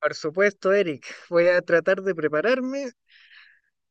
Por supuesto, Eric. Voy a tratar de prepararme.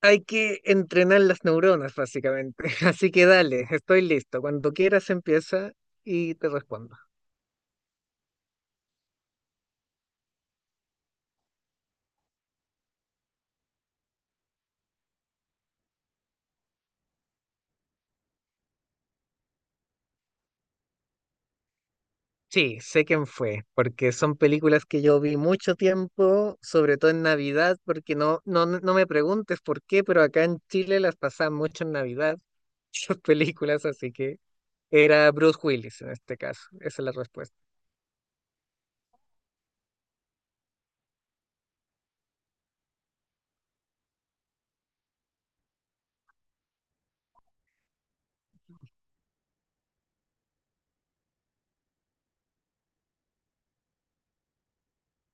Hay que entrenar las neuronas, básicamente. Así que dale, estoy listo. Cuando quieras empieza y te respondo. Sí, sé quién fue, porque son películas que yo vi mucho tiempo, sobre todo en Navidad, porque no, no, no me preguntes por qué, pero acá en Chile las pasaban mucho en Navidad, esas películas, así que era Bruce Willis en este caso. Esa es la respuesta.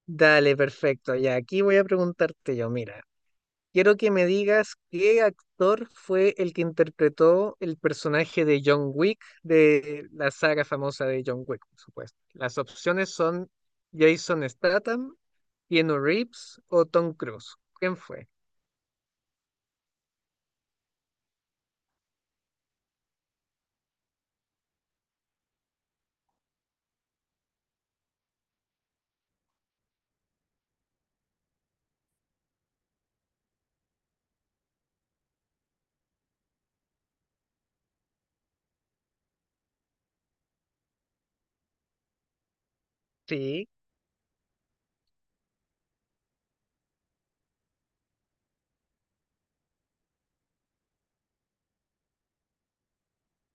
Dale, perfecto. Ya, aquí voy a preguntarte yo, mira. Quiero que me digas qué actor fue el que interpretó el personaje de John Wick de la saga famosa de John Wick, por supuesto. Las opciones son Jason Statham, Keanu Reeves o Tom Cruise. ¿Quién fue? Sí,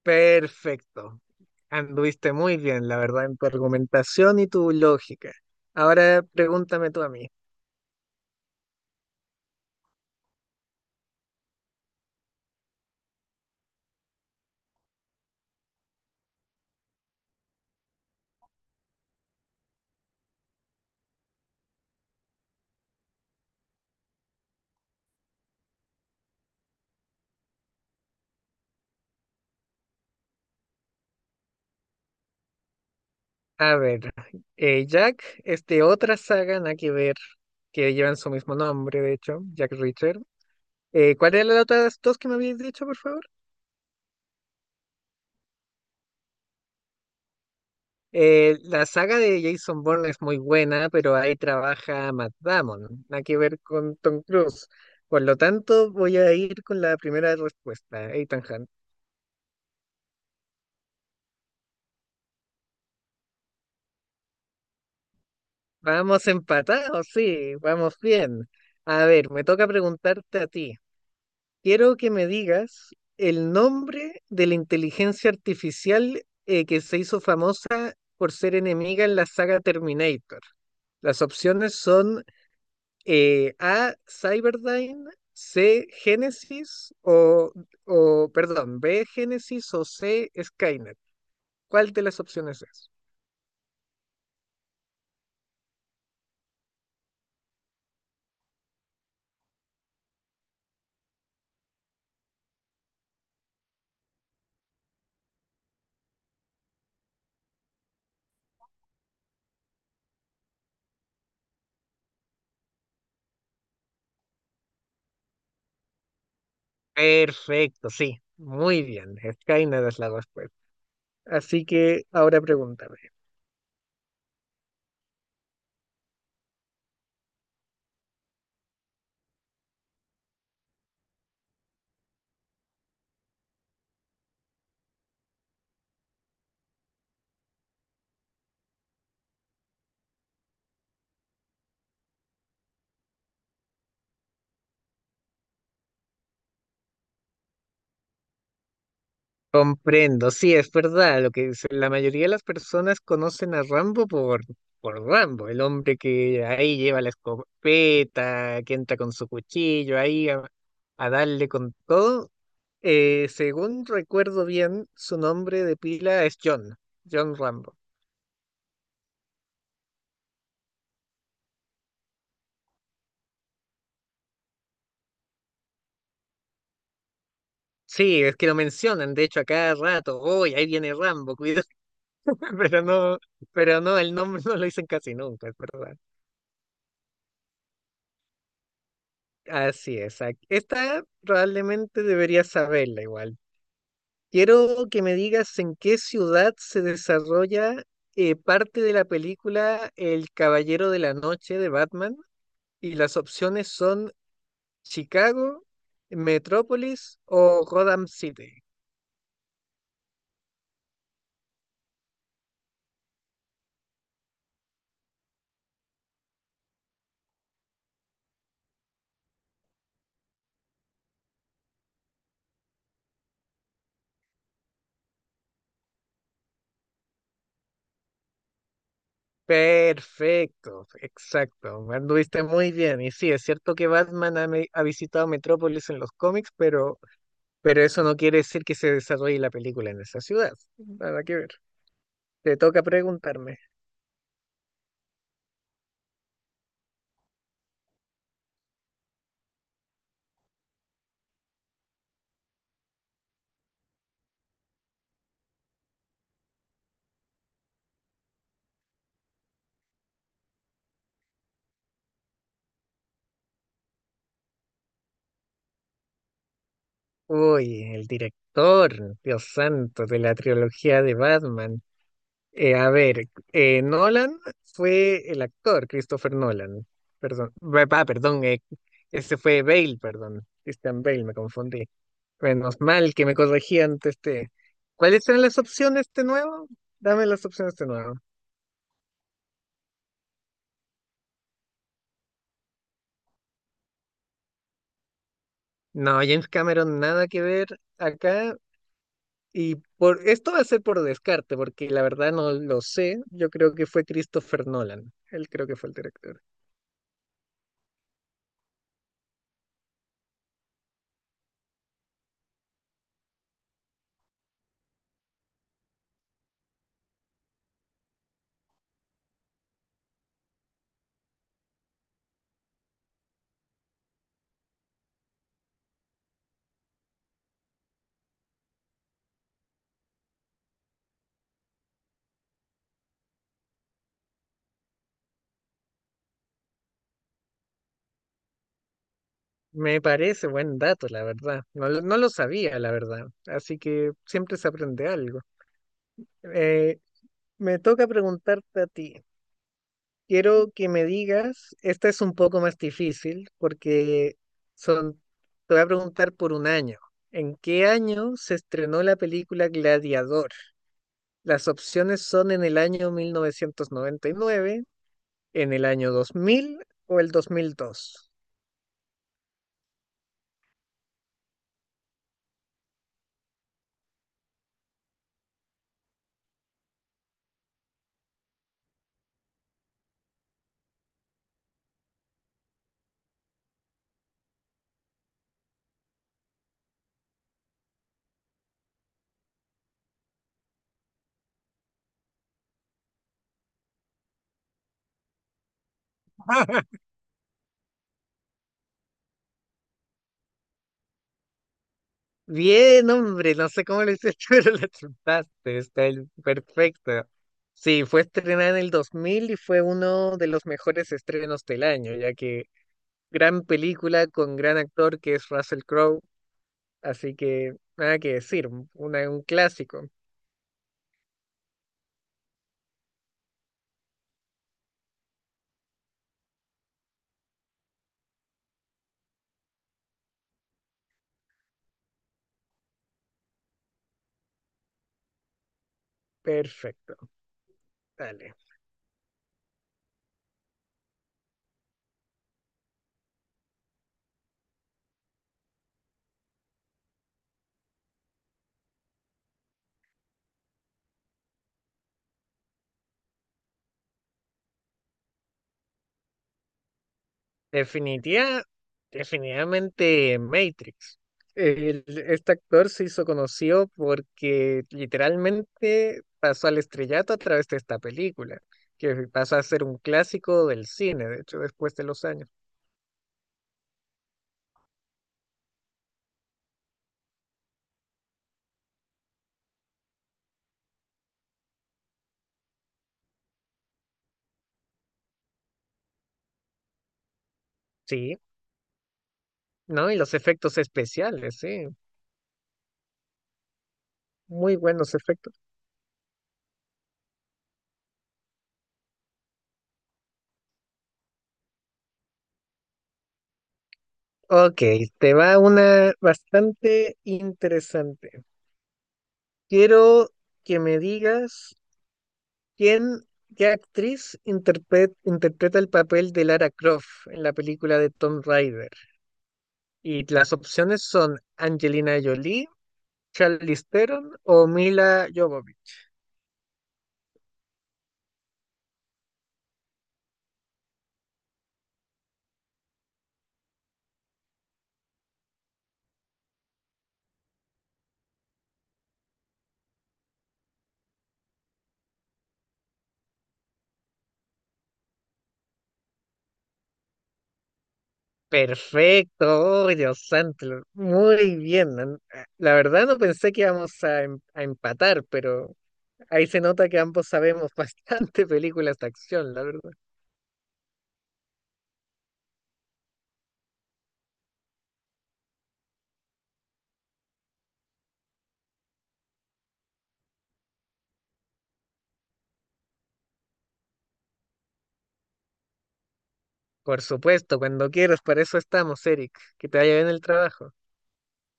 perfecto. Anduviste muy bien, la verdad, en tu argumentación y tu lógica. Ahora pregúntame tú a mí. A ver, Jack es de otra saga, nada que ver, que llevan su mismo nombre, de hecho, Jack Reacher. ¿Cuál eran las otras dos que me habías dicho, por favor? La saga de Jason Bourne es muy buena, pero ahí trabaja Matt Damon, nada que ver con Tom Cruise. Por lo tanto, voy a ir con la primera respuesta, Ethan Hunt. Vamos empatados, sí, vamos bien. A ver, me toca preguntarte a ti. Quiero que me digas el nombre de la inteligencia artificial que se hizo famosa por ser enemiga en la saga Terminator. Las opciones son A, Cyberdyne, C, Genesis perdón, B, Genesis o C, Skynet. ¿Cuál de las opciones es? Perfecto, sí, muy bien. Skynet es la respuesta. Así que ahora pregúntame. Comprendo, sí, es verdad lo que dice. La mayoría de las personas conocen a Rambo por Rambo, el hombre que ahí lleva la escopeta, que entra con su cuchillo ahí a darle con todo. Según recuerdo bien, su nombre de pila es John Rambo. Sí, es que lo mencionan, de hecho, a cada rato, hoy ahí viene Rambo, cuidado, pero no, pero no, el nombre no lo dicen casi nunca, es verdad. Así es, esta probablemente deberías saberla igual. Quiero que me digas en qué ciudad se desarrolla parte de la película El Caballero de la Noche de Batman y las opciones son Chicago, Metrópolis o Gotham City. Perfecto, exacto. Anduviste muy bien. Y sí, es cierto que Batman ha visitado Metrópolis en los cómics, pero eso no quiere decir que se desarrolle la película en esa ciudad. Nada que ver. Te toca preguntarme. Uy, el director, Dios santo, de la trilogía de Batman. A ver, Nolan fue el actor, Christopher Nolan. Perdón, perdón, ese fue Bale, perdón. Christian Bale, me confundí. Menos mal que me corregí antes este. ¿Cuáles eran las opciones de nuevo? Dame las opciones de nuevo. No, James Cameron, nada que ver acá. Y por esto va a ser por descarte, porque la verdad no lo sé. Yo creo que fue Christopher Nolan. Él creo que fue el director. Me parece buen dato, la verdad. No, no lo sabía, la verdad. Así que siempre se aprende algo. Eh, me toca preguntarte a ti. Quiero que me digas, esta es un poco más difícil porque son, te voy a preguntar por un año. ¿En qué año se estrenó la película Gladiador? Las opciones son en el año 1999, en el año 2000 o el 2002. Bien, hombre, no sé cómo lo hiciste, pero la chuntaste, perfecto. Sí, fue estrenada en el 2000 y fue uno de los mejores estrenos del año, ya que gran película con gran actor que es Russell Crowe, así que nada que decir, una, un clásico. Perfecto, dale. Definitiva, definitivamente Matrix. Este actor se hizo conocido porque literalmente pasó al estrellato a través de esta película, que pasó a ser un clásico del cine, de hecho, después de los años. Sí, ¿no? Y los efectos especiales, sí, muy buenos efectos. Ok, te va una bastante interesante. Quiero que me digas ¿Quién, qué actriz interpreta el papel de Lara Croft en la película de Tomb Raider? Y las opciones son Angelina Jolie, Charlize Theron o Mila Jovovich. Perfecto, oh, Dios santo, muy bien. La verdad no pensé que íbamos a empatar, pero ahí se nota que ambos sabemos bastante películas de acción, la verdad. Por supuesto, cuando quieras, para eso estamos, Eric. Que te vaya bien el trabajo.